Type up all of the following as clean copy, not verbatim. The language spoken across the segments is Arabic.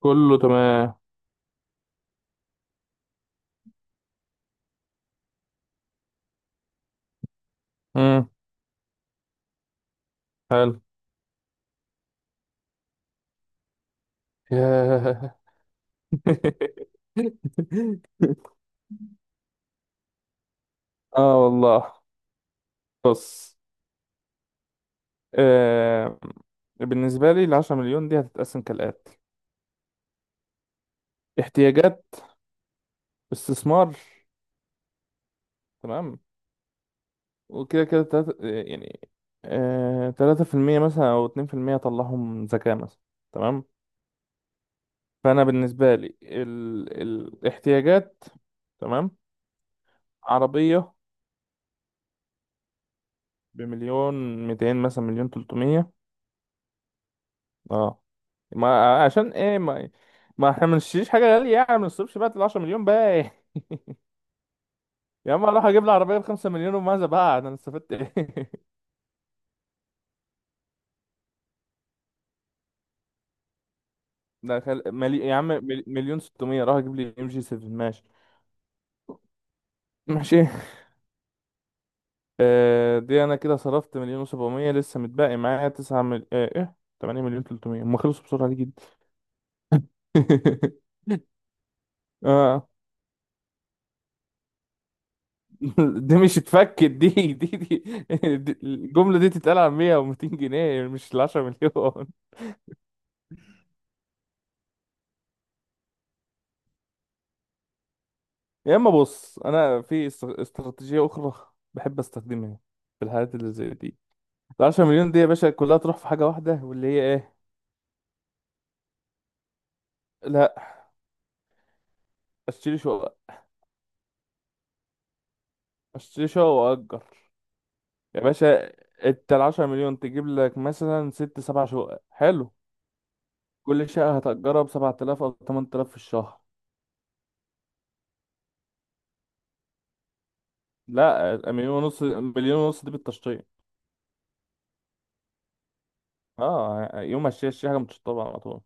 كله تمام. امم. حلو. ياه. اه والله. بص. آه. بالنسبة لي 10 مليون دي هتتقسم كالآتي: احتياجات، استثمار، تمام. وكده كده تلاتة، يعني. آه، 3% مثلا أو 2% أطلعهم زكاة مثلا. تمام. فأنا بالنسبة لي الاحتياجات، تمام. عربية بمليون ميتين مثلا، 1.3 مليون. اه. ما عشان ايه، ما ما احنا ما نشتريش حاجه غاليه، يعني ما نصرفش بقى ال 10 مليون بقى. يا عم، اروح اجيب لي عربيه ب 5 مليون، وماذا بقى؟ انا استفدت ايه؟ يا عم مليون 600، راح اجيب لي ام جي 7، ماشي. ماشي. آه، دي انا كده صرفت مليون و700. لسه متبقي معايا 9 مل... آه ايه، 8 مليون 300. هم خلصوا بسرعه دي جدا. اه. دي مش اتفكت. دي الجمله دي تتقال على 100 و200 جنيه، مش ال 10 مليون. يا اما، بص، انا في استراتيجيه اخرى بحب استخدمها في الحالات اللي زي دي. ال 10 مليون دي يا باشا، كلها تروح في حاجه واحده، واللي هي ايه؟ لا. اشتري شقه. اشتري شقه واجر. يا باشا، انت ال 10 مليون تجيب لك مثلا ست سبع شقق، حلو. كل شقه هتأجرها ب 7000 او 8000 في الشهر. لا، 1.5 1.5 مليون دي بالتشطيب. اه، يوم ما اشتري اشتري حاجه متشطبه على طول.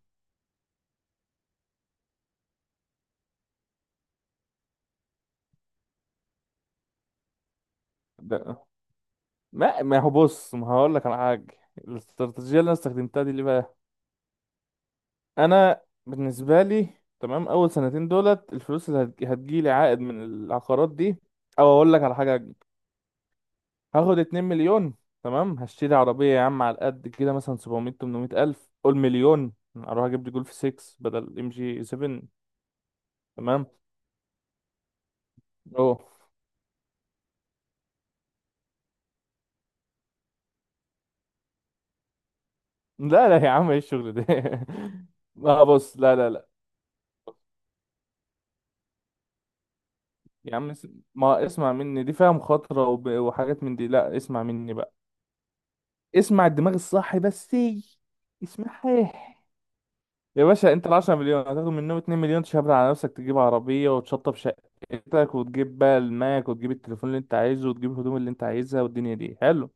ده، ما ما هو بص، ما هقول لك على حاجه. الاستراتيجيه اللي انا استخدمتها دي ليه بقى؟ انا بالنسبه لي، تمام، اول سنتين دولت الفلوس اللي هتجيلي عائد من العقارات دي، او اقول لك على حاجه: هاخد 2 مليون. تمام، هشتري عربيه يا عم على قد كده، مثلا 700، 800 الف، قول مليون، اروح اجيب لي جولف 6 بدل ام جي 7. تمام. اوه. لا لا يا عم، ايه الشغل ده؟ لا بص، لا لا لا. يا عم ما اسمع مني، دي فيها مخاطره وحاجات من دي، لا، اسمع مني بقى. اسمع الدماغ الصاحي بس. اسمعها. يا باشا، انت ال 10 مليون هتاخد منهم 2 مليون، تشبر على نفسك، تجيب عربية وتشطب شقتك وتجيب بقى الماك وتجيب التليفون اللي انت عايزه وتجيب الهدوم اللي انت عايزها والدنيا دي، حلو.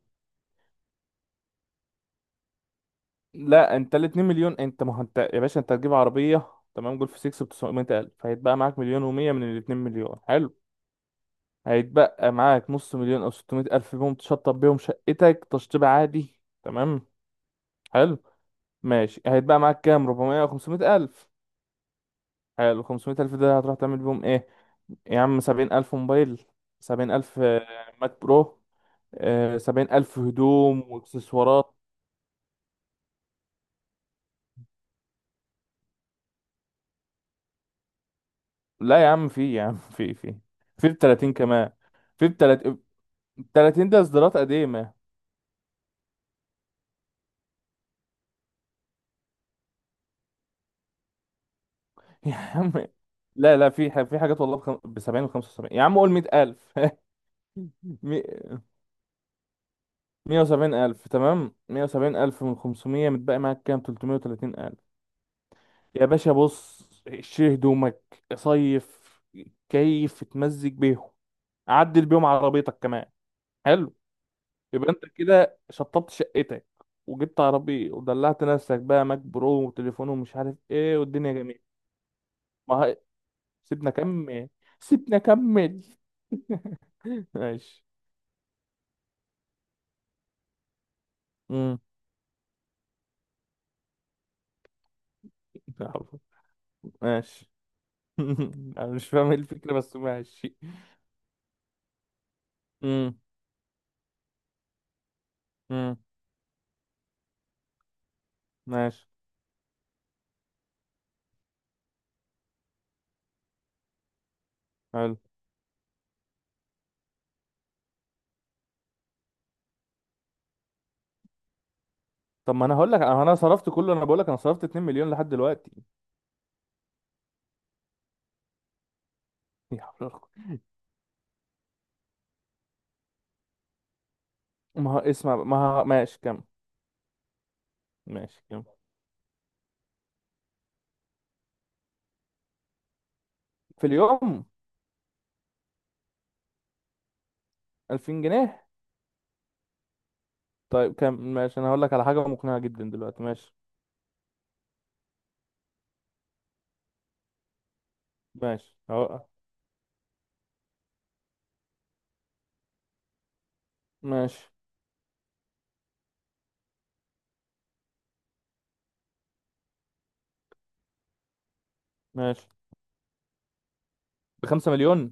لا، انت ال 2 مليون انت، ما هو انت يا باشا، انت هتجيب عربية. تمام، جولف 6 ب 900000، فهيتبقى معاك مليون و100 من ال 2 مليون، حلو. هيتبقى معاك نص مليون او 600000 بيهم، تشطب بيهم شقتك تشطيب عادي، تمام. حلو. ماشي. هيتبقى معاك كام؟ 400 او 500000. حلو، 500000 ده هتروح تعمل بيهم ايه؟ يا عم، 70 ألف موبايل، 70 ألف، ماك برو، 70 ألف هدوم واكسسوارات. لا يا عم في، يا عم في في. في بتلاتين كمان. في بتلاتين. تلاتين ده إصدارات قديمة. يا عم لا لا، في في حاجات، والله، بسبعين وخمسة وسبعين، يا عم قول 100 ألف. مي- 170 ألف، تمام، 170 ألف من خمسمية، متبقي معاك كام؟ 330 ألف. يا باشا بص، شيل هدومك، صيف، كيف تمزج بيهم، عدل بيهم عربيتك كمان. حلو. يبقى انت كده شطبت شقتك وجبت عربية ودلعت نفسك بقى ماك برو وتليفون ومش عارف ايه، والدنيا جميلة. ما هي- سيبنا كمل. سيبنا كمل. ماشي. امم. ماشي. انا مش فاهم ايه الفكرة بس ماشي. امم. امم. ماشي. حلو. طب، ما انا هقول لك انا صرفت كله، انا بقول لك انا صرفت 2 مليون لحد دلوقتي. يا حول ولا قوة. ما هو اسمع بقى، ما هو ماشي. كم؟ ماشي، كم في اليوم؟ 2000 جنيه. طيب كم؟ ماشي، انا هقول لك على حاجه مقنعه جدا دلوقتي. ماشي. ماشي أهو. ماشي. ماشي بخمسة مليون.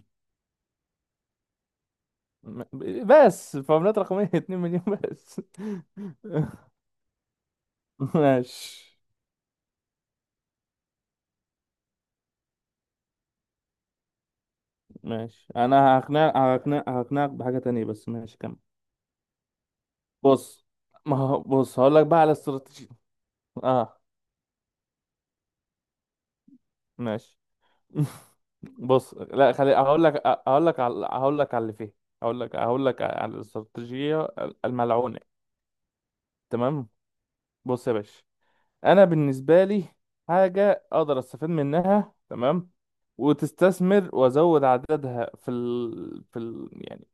م- بس فورمولات رقميه، 2 مليون بس. ماشي. ماشي، انا هقنعك بحاجه تانية بس، ماشي كمل. بص، ما هو بص، هقول لك بقى على استراتيجيه. اه. ماشي. بص لا، خلي هقول لك على اللي فيه. هقول لك على الاستراتيجيه الملعونه. تمام. بص يا باشا، انا بالنسبه لي، حاجه اقدر استفاد منها، تمام، وتستثمر وازود عددها في ال... في ال... يعني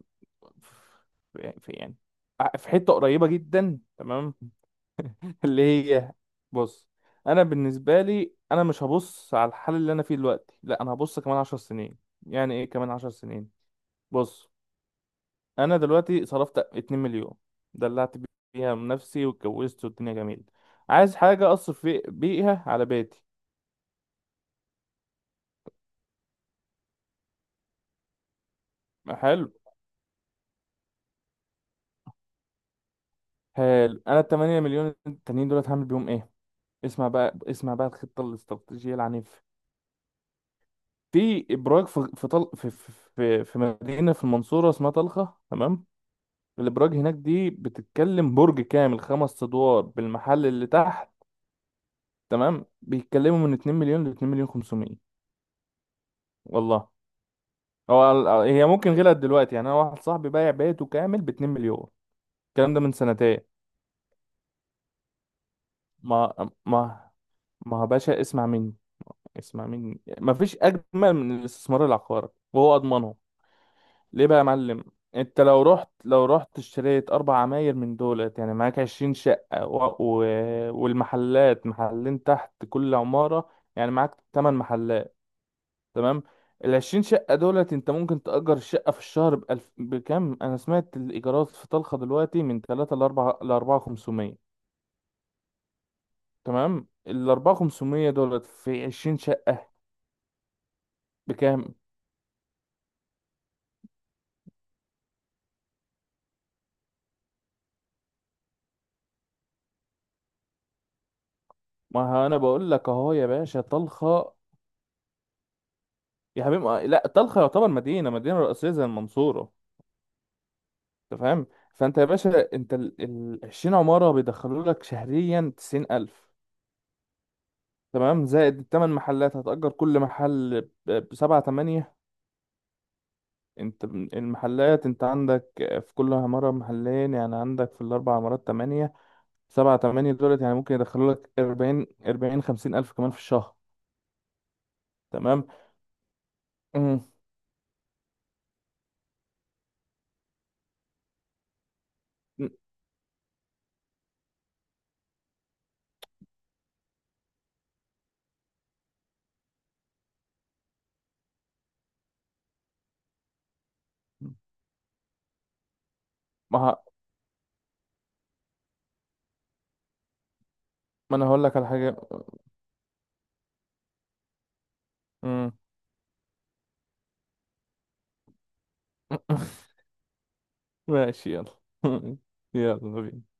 في في- يعني في حته قريبه جدا، تمام. اللي هي، بص، انا بالنسبه لي، انا مش هبص على الحال اللي انا فيه دلوقتي، لا، انا هبص كمان 10 سنين. يعني ايه كمان 10 سنين؟ بص، انا دلوقتي صرفت 2 مليون، دلعت بيها من نفسي واتجوزت والدنيا جميله. عايز حاجه اصرف بيها على بيتي، حلو. حلو، انا ال 8 مليون التانيين دولت هعمل بيهم ايه؟ اسمع بقى، اسمع بقى الخطه الاستراتيجيه العنيفه. في ابراج في في طل... في في في في مدينه في المنصوره اسمها طلخه، تمام. الابراج هناك دي بتتكلم برج كامل، خمس ادوار بالمحل اللي تحت، تمام. بيتكلموا من 2 مليون ل 2 مليون 500. والله. هو هي ممكن غلت دلوقتي يعني، انا واحد صاحبي بايع بيته كامل ب 2 مليون. الكلام ده من سنتين. ما ما ما، يا باشا، اسمع مني. اسمع مني، مفيش اجمل من الاستثمار العقاري، وهو اضمنه. ليه بقى يا معلم؟ انت لو رحت اشتريت اربع عماير من دولت، يعني معاك 20 شقة والمحلات، محلين تحت كل عمارة، يعني معاك تمن محلات. تمام. العشرين شقة دولت انت ممكن تأجر الشقة في الشهر بكام؟ انا سمعت الايجارات في طلخة دلوقتي من تلاتة لأربعة، لأربعة خمسمية. تمام، الأربعة خمسمية دولت في عشرين شقة بكام؟ ما، ها، انا بقول لك اهو، يا باشا طلخه. يا حبيبي لا، طلخه يعتبر مدينه رئيسيه زي المنصوره. انت فاهم. فانت يا باشا، انت 20 عماره بيدخلوا لك شهريا 90000، تمام. زائد الثمان محلات، هتأجر كل محل ب 7، 8. انت المحلات، انت عندك في كل عماره محلين، يعني عندك في الاربع عمارات 8، 7، 8 دولت، يعني ممكن يدخلوا لك 40، 40، 50000 كمان في الشهر. تمام. مم. ما ه- ما انا هقول لك على حاجه. ماشي يلا. يلا بينا.